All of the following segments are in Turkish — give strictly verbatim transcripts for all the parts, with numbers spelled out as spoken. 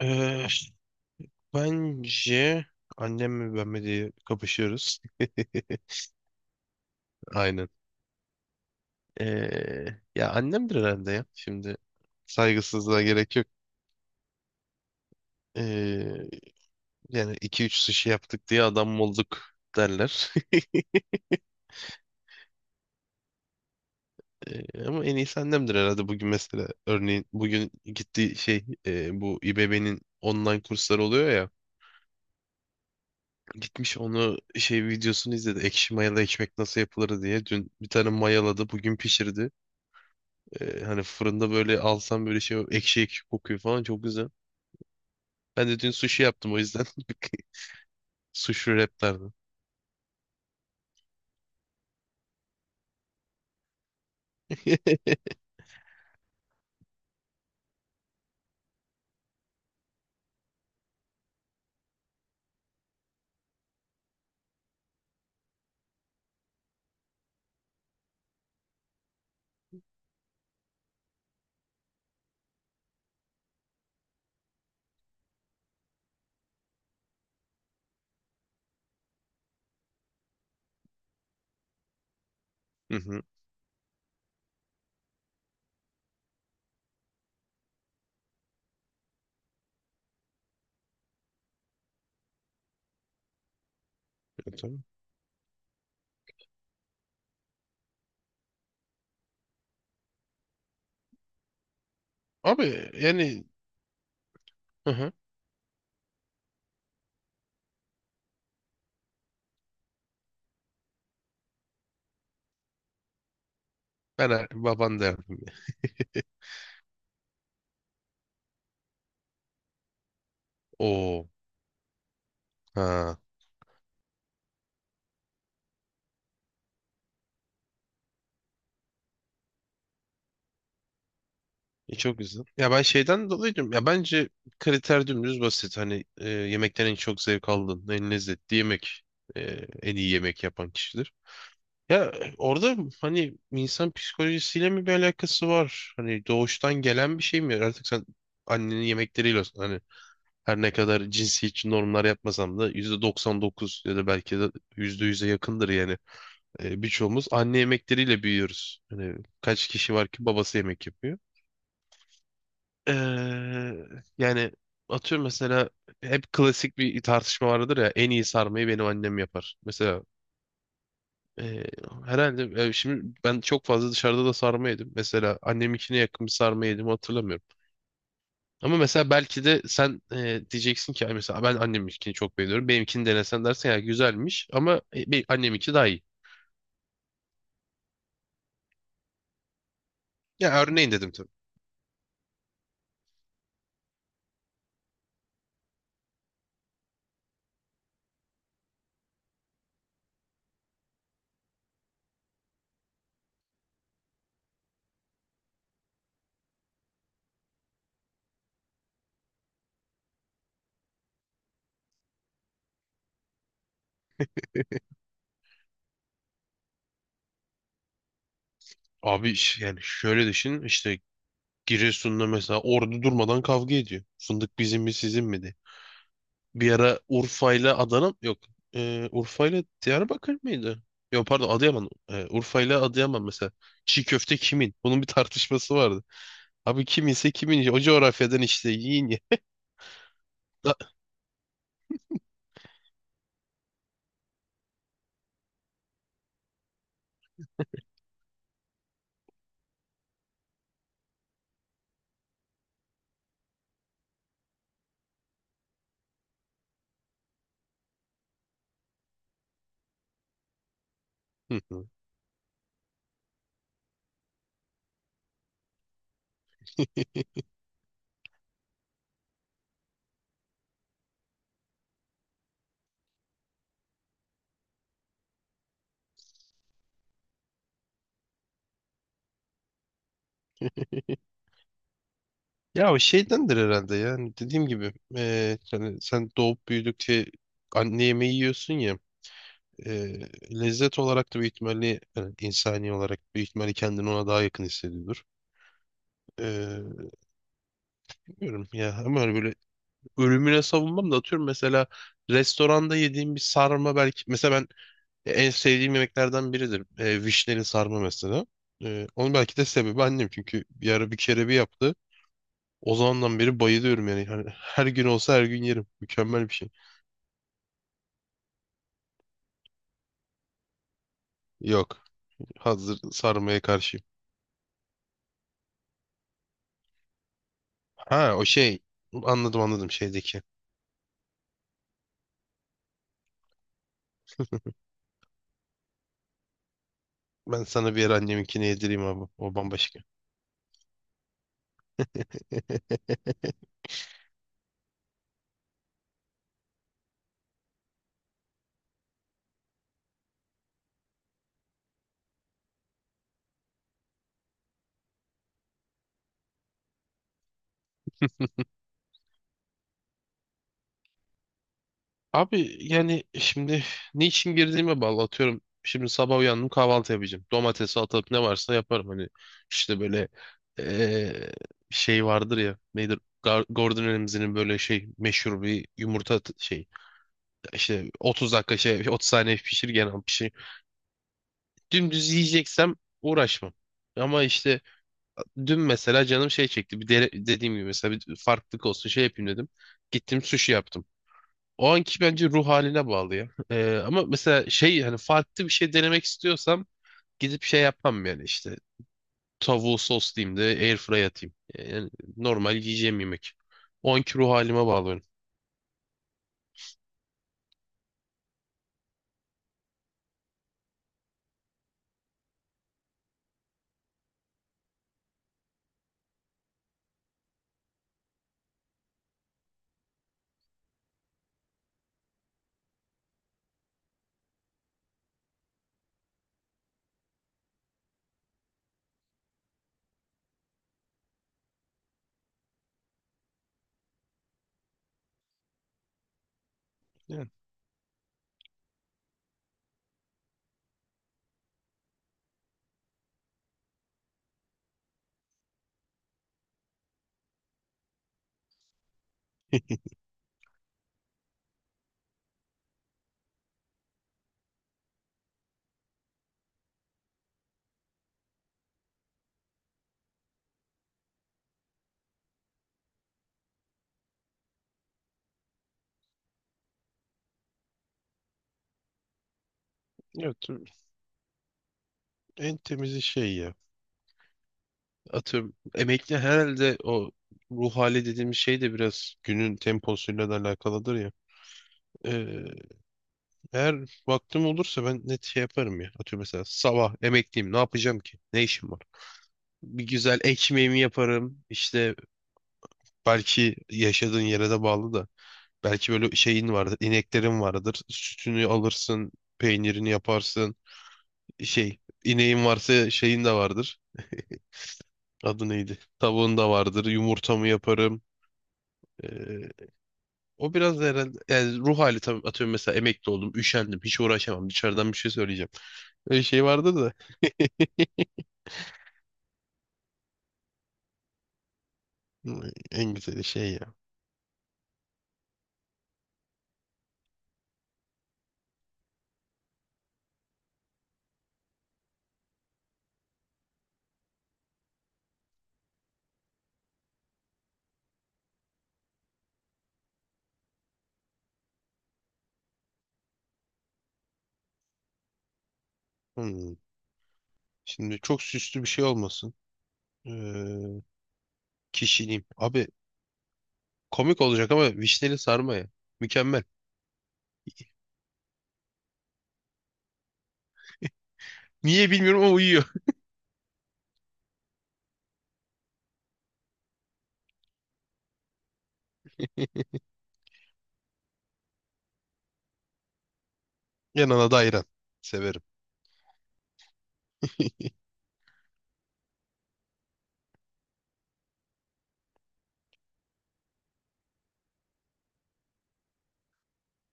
Ee, Bence annemle ben mi diye kapışıyoruz. Aynen. Ee, Ya annemdir herhalde ya. Şimdi saygısızlığa gerek yok. Ee, Yani iki üç sushi yaptık diye adam mı olduk derler. Ee, ama en iyisi annemdir herhalde. Bugün mesela, örneğin, bugün gittiği şey, e, bu İBB'nin online kursları oluyor ya. Gitmiş onu şey, videosunu izledi. Ekşi mayalı ekmek nasıl yapılır diye. Dün bir tane mayaladı. Bugün pişirdi. Ee, hani fırında böyle alsam, böyle şey, ekşi ekşi kokuyor falan, çok güzel. Ben de dün sushi yaptım, o yüzden sushi wraplerden. Hı hı. e, Tabii. Abi yani, hı hı. Ben baban derdim ya. Oo. Ha. E, çok güzel. Ya, ben şeyden dolayı diyorum. Ya bence kriter dümdüz basit. Hani e, yemekten en çok zevk aldın. En lezzetli yemek, e, en iyi yemek yapan kişidir. Ya e, orada, hani, insan psikolojisiyle mi bir alakası var? Hani doğuştan gelen bir şey mi? Artık sen annenin yemekleriyle, hani, her ne kadar cinsiyetçi normlar yapmasam da yüzde doksan dokuz ya da belki de yüzde yüze yakındır yani. E, birçoğumuz anne yemekleriyle büyüyoruz. Hani kaç kişi var ki babası yemek yapıyor? Eee, Yani, atıyorum, mesela hep klasik bir tartışma vardır ya, en iyi sarmayı benim annem yapar. Mesela eee, herhalde e, şimdi ben çok fazla dışarıda da sarma yedim. Mesela, anneminkine yakın bir sarma yedim hatırlamıyorum. Ama mesela belki de sen e, diyeceksin ki, "Ay, mesela ben anneminkini çok beğeniyorum. Benimkini denesen, dersen ya güzelmiş, ama e, be- anneminki daha iyi." Ya, örneğin dedim tabii. Abi ş- yani şöyle düşün işte, Giresun'da, mesela, ordu durmadan kavga ediyor. Fındık bizim mi, sizin mi diye. Bir ara Urfa ile Adana, yok, Ee, Urfa ile Diyarbakır mıydı? Yok, pardon, Adıyaman. Ee, Urfa ile Adıyaman mesela. Çiğ köfte kimin? Bunun bir tartışması vardı. Abi, kim ise kimin. O coğrafyadan, işte, yiyin ya. Da- Hı hı. Ya, o şeydendir herhalde, yani, dediğim gibi eee, yani sen doğup büyüdükçe anne yemeği yiyorsun ya, eee, lezzet olarak da büyük ihtimalle, yani insani olarak büyük ihtimalle, kendini ona daha yakın hissediyordur. Eee bilmiyorum ya, ama öyle ürününe savunmam da, atıyorum, mesela restoranda yediğim bir sarma, belki mesela ben, e, en sevdiğim yemeklerden biridir. E, vişneli sarma mesela. E, onun belki de sebebi annem, çünkü bir ara, bir kere, bir yaptı. O zamandan beri bayılıyorum yani. Hani, her gün olsa her gün yerim. Mükemmel bir şey. Yok. Hazır sarmaya karşıyım. Ha, o şey. Anladım, anladım, şeydeki. Ben sana bir ara anneminkini yedireyim abi. O bambaşka. Abi yani, şimdi niçin girdiğime bağlı, atıyorum. Şimdi sabah uyandım, kahvaltı yapacağım. Domates, salatalık, ne varsa yaparım. Hani, işte böyle, eee, şey vardır ya. Nedir? Gar- Gordon Ramsay'nin böyle şey, meşhur bir yumurta t- şey. İşte otuz dakika, şey, otuz saniye pişir, gene pişir. Dümdüz yiyeceksem uğraşmam. Ama işte dün, mesela, canım şey çekti. Bir dere- dediğim gibi, mesela bir farklılık olsun, şey yapayım dedim. Gittim sushi yaptım. O anki bence ruh haline bağlı ya. Ee, ama mesela, şey, hani farklı bir şey denemek istiyorsam gidip şey yapmam, yani işte tavuğu soslayayım da airfryer atayım. Yani normal yiyeceğim yemek. O anki ruh halime bağlıyorum. Yani, evet, en temizi şey ya. Atıyorum, emekli, herhalde o ruh hali dediğimiz şey de biraz günün temposuyla da alakalıdır ya. Ee, Eğer vaktim olursa ben net şey yaparım ya. Atıyorum, mesela sabah, emekliyim, ne yapacağım ki? Ne işim var? Bir güzel ekmeğimi yaparım. İşte, belki yaşadığın yere de bağlı da. Belki böyle şeyin vardır, ineklerin vardır. Sütünü alırsın, peynirini yaparsın. Şey, ineğin varsa şeyin de vardır. Adı neydi? Tavuğun da vardır. Yumurtamı yaparım. Ee, O biraz da herhalde, yani ruh hali, tabii, atıyorum, mesela emekli oldum, üşendim, hiç uğraşamam. Dışarıdan bir şey söyleyeceğim. Öyle şey vardı da. Hmm, En güzeli şey ya. Hmm. Şimdi, çok süslü bir şey olmasın. Ee, Kişiliğim. Abi, komik olacak, ama vişneli sarmaya. Mükemmel. Niye bilmiyorum ama uyuyor. Yanına da ayran. Severim.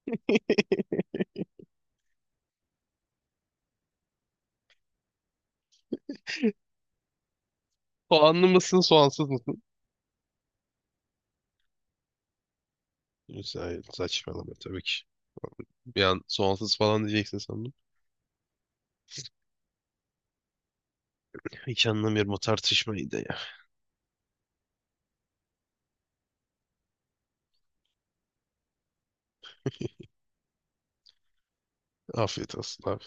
Soğanlı mısın, soğansız mısın? Sa- Saçmalama tabii ki. Bir an soğansız falan diyeceksin sandım. Hiç anlamıyorum o tartışmayı da ya. Afiyet olsun abi.